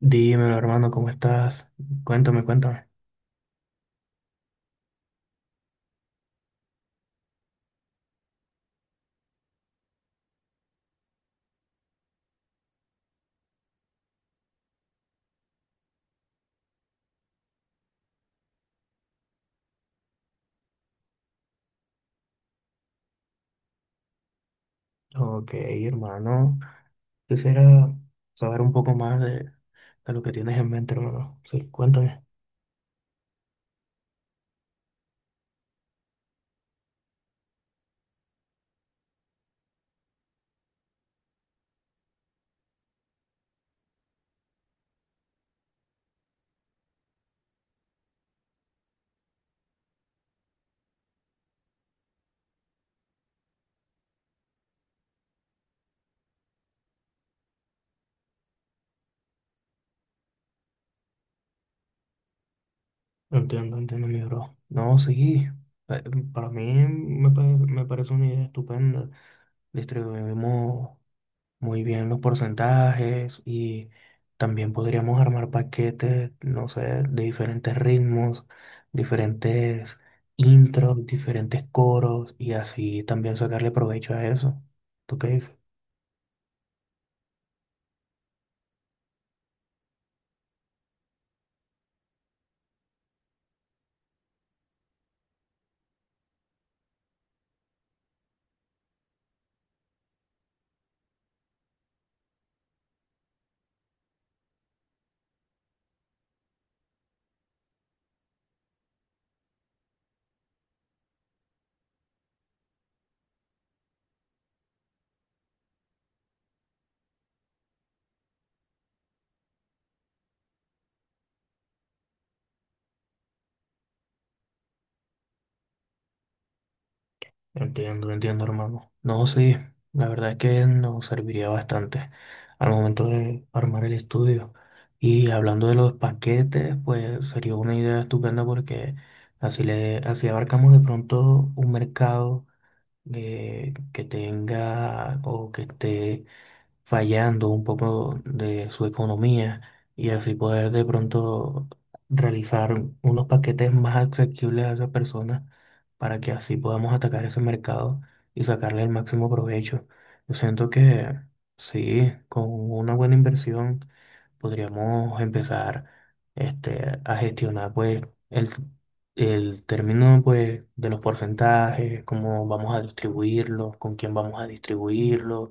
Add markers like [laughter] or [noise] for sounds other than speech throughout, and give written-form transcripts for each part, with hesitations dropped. Dímelo, hermano, ¿cómo estás? Cuéntame, cuéntame. Ok, hermano. Quisiera saber un poco más de lo que tienes en mente, hermano. Sí, cuéntame. Entiendo, entiendo, mi bro. No, sí. eh, Para mí me parece una idea estupenda. Distribuimos muy bien los porcentajes y también podríamos armar paquetes, no sé, de diferentes ritmos, diferentes intros, diferentes coros y así también sacarle provecho a eso. ¿Tú qué dices? Entiendo, entiendo, hermano. No, sí, la verdad es que nos serviría bastante al momento de armar el estudio. Y hablando de los paquetes, pues sería una idea estupenda porque así abarcamos de pronto un mercado que tenga o que esté fallando un poco de su economía y así poder de pronto realizar unos paquetes más asequibles a esas personas para que así podamos atacar ese mercado y sacarle el máximo provecho. Yo siento que sí, con una buena inversión podríamos empezar este, a gestionar pues el, el término pues de los porcentajes, cómo vamos a distribuirlos, con quién vamos a distribuirlos.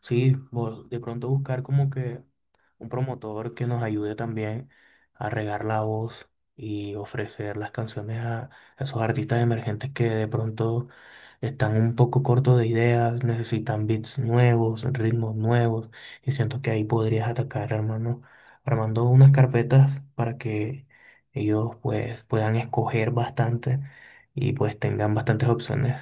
Sí, de pronto buscar como que un promotor que nos ayude también a regar la voz y ofrecer las canciones a esos artistas emergentes que de pronto están un poco cortos de ideas, necesitan beats nuevos, ritmos nuevos, y siento que ahí podrías atacar, hermano, armando unas carpetas para que ellos pues puedan escoger bastante y pues tengan bastantes opciones.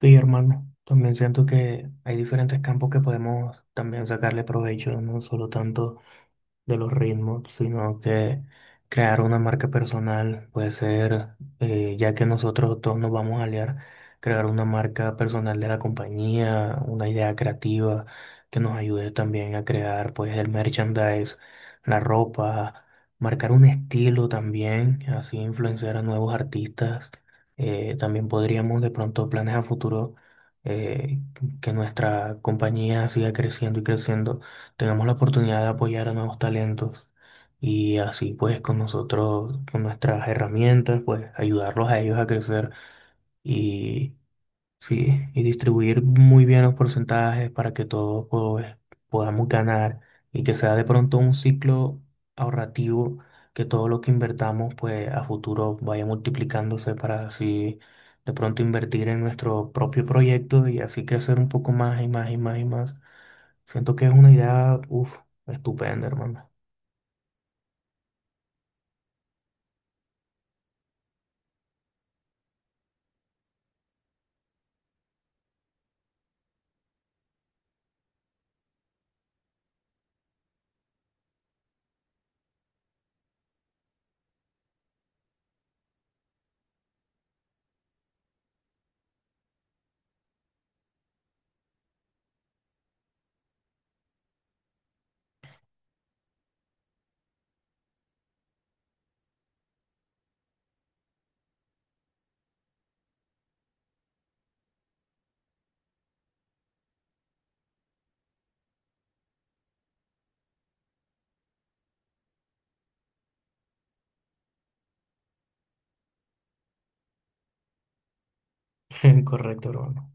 Sí, hermano, también siento que hay diferentes campos que podemos también sacarle provecho, no solo tanto de los ritmos, sino que crear una marca personal puede ser, ya que nosotros todos nos vamos a aliar, crear una marca personal de la compañía, una idea creativa que nos ayude también a crear pues el merchandise, la ropa, marcar un estilo también, así influenciar a nuevos artistas. También podríamos de pronto planes a futuro. eh, que nuestra compañía siga creciendo y creciendo, tenemos la oportunidad de apoyar a nuevos talentos y así pues con nosotros, con nuestras herramientas, pues ayudarlos a ellos a crecer y sí, y distribuir muy bien los porcentajes para que todos pues, podamos ganar y que sea de pronto un ciclo ahorrativo, que todo lo que invertamos pues a futuro vaya multiplicándose para así de pronto invertir en nuestro propio proyecto y así crecer un poco más y más y más y más. Siento que es una idea, uf, estupenda, hermano. [laughs] Correcto, hermano.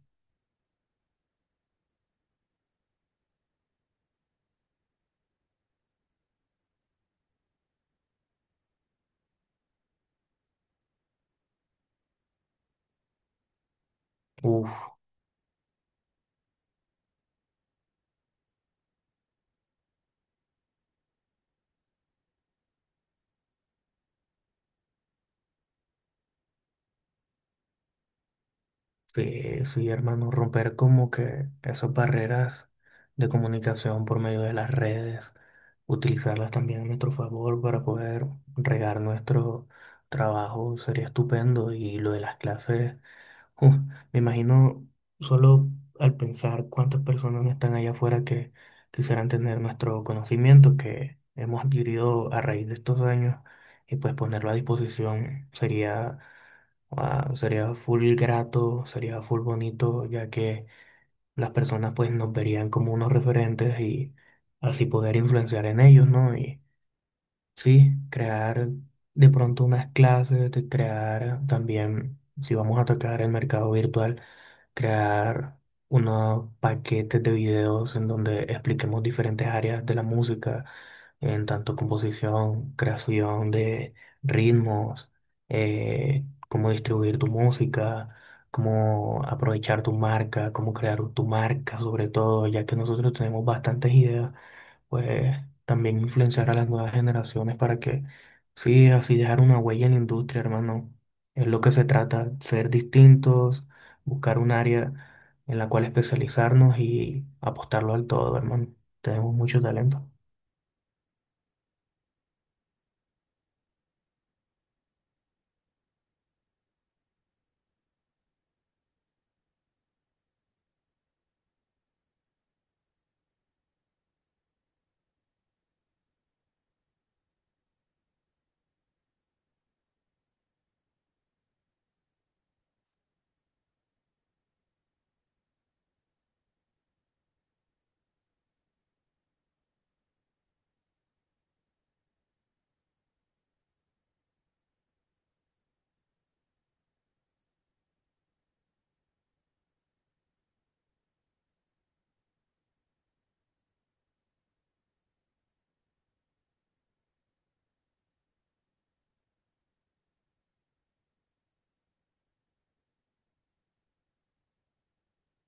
Uf, sí, sí, hermano, romper como que esas barreras de comunicación por medio de las redes, utilizarlas también a nuestro favor para poder regar nuestro trabajo sería estupendo. Y lo de las clases. Uf, me imagino solo al pensar cuántas personas no están allá afuera que quisieran tener nuestro conocimiento que hemos adquirido a raíz de estos años y pues ponerlo a disposición sería, ah, sería full grato, sería full bonito, ya que las personas pues nos verían como unos referentes y así poder influenciar en ellos, ¿no? Y sí, crear de pronto unas clases, de crear también, si vamos a atacar el mercado virtual, crear unos paquetes de videos en donde expliquemos diferentes áreas de la música, en tanto composición, creación de ritmos, cómo distribuir tu música, cómo aprovechar tu marca, cómo crear tu marca sobre todo, ya que nosotros tenemos bastantes ideas pues también influenciar a las nuevas generaciones para que, sí, así dejar una huella en la industria, hermano. Es lo que se trata, ser distintos, buscar un área en la cual especializarnos y apostarlo al todo, hermano. Tenemos mucho talento.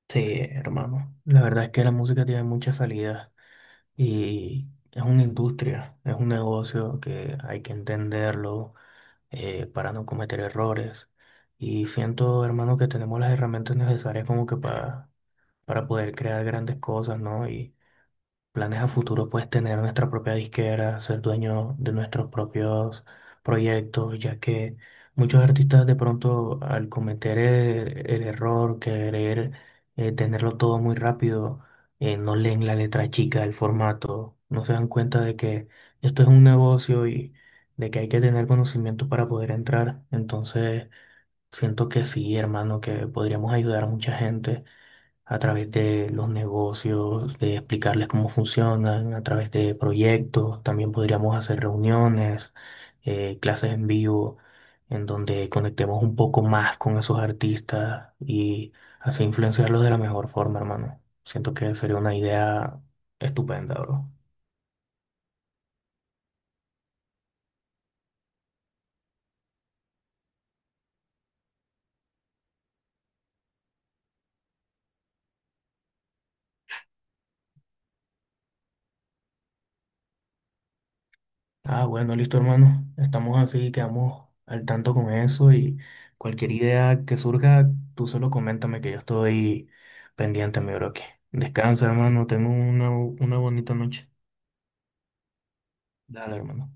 Sí, hermano. La verdad es que la música tiene muchas salidas y es una industria, es un negocio que hay que entenderlo, para no cometer errores. Y siento, hermano, que tenemos las herramientas necesarias como que para poder crear grandes cosas, ¿no? Y planes a futuro, pues tener nuestra propia disquera, ser dueño de nuestros propios proyectos, ya que muchos artistas de pronto al cometer el error, querer tenerlo todo muy rápido, no leen la letra chica, el formato, no se dan cuenta de que esto es un negocio y de que hay que tener conocimiento para poder entrar. Entonces, siento que sí, hermano, que podríamos ayudar a mucha gente a través de los negocios, de explicarles cómo funcionan, a través de proyectos. También podríamos hacer reuniones, clases en vivo, en donde conectemos un poco más con esos artistas y así influenciarlos de la mejor forma, hermano. Siento que sería una idea estupenda, bro. Ah, bueno, listo, hermano. Estamos así, quedamos al tanto con eso y cualquier idea que surja, tú solo coméntame que yo estoy pendiente, mi bro. Que Descansa, hermano. Tengo una bonita noche. Dale, hermano.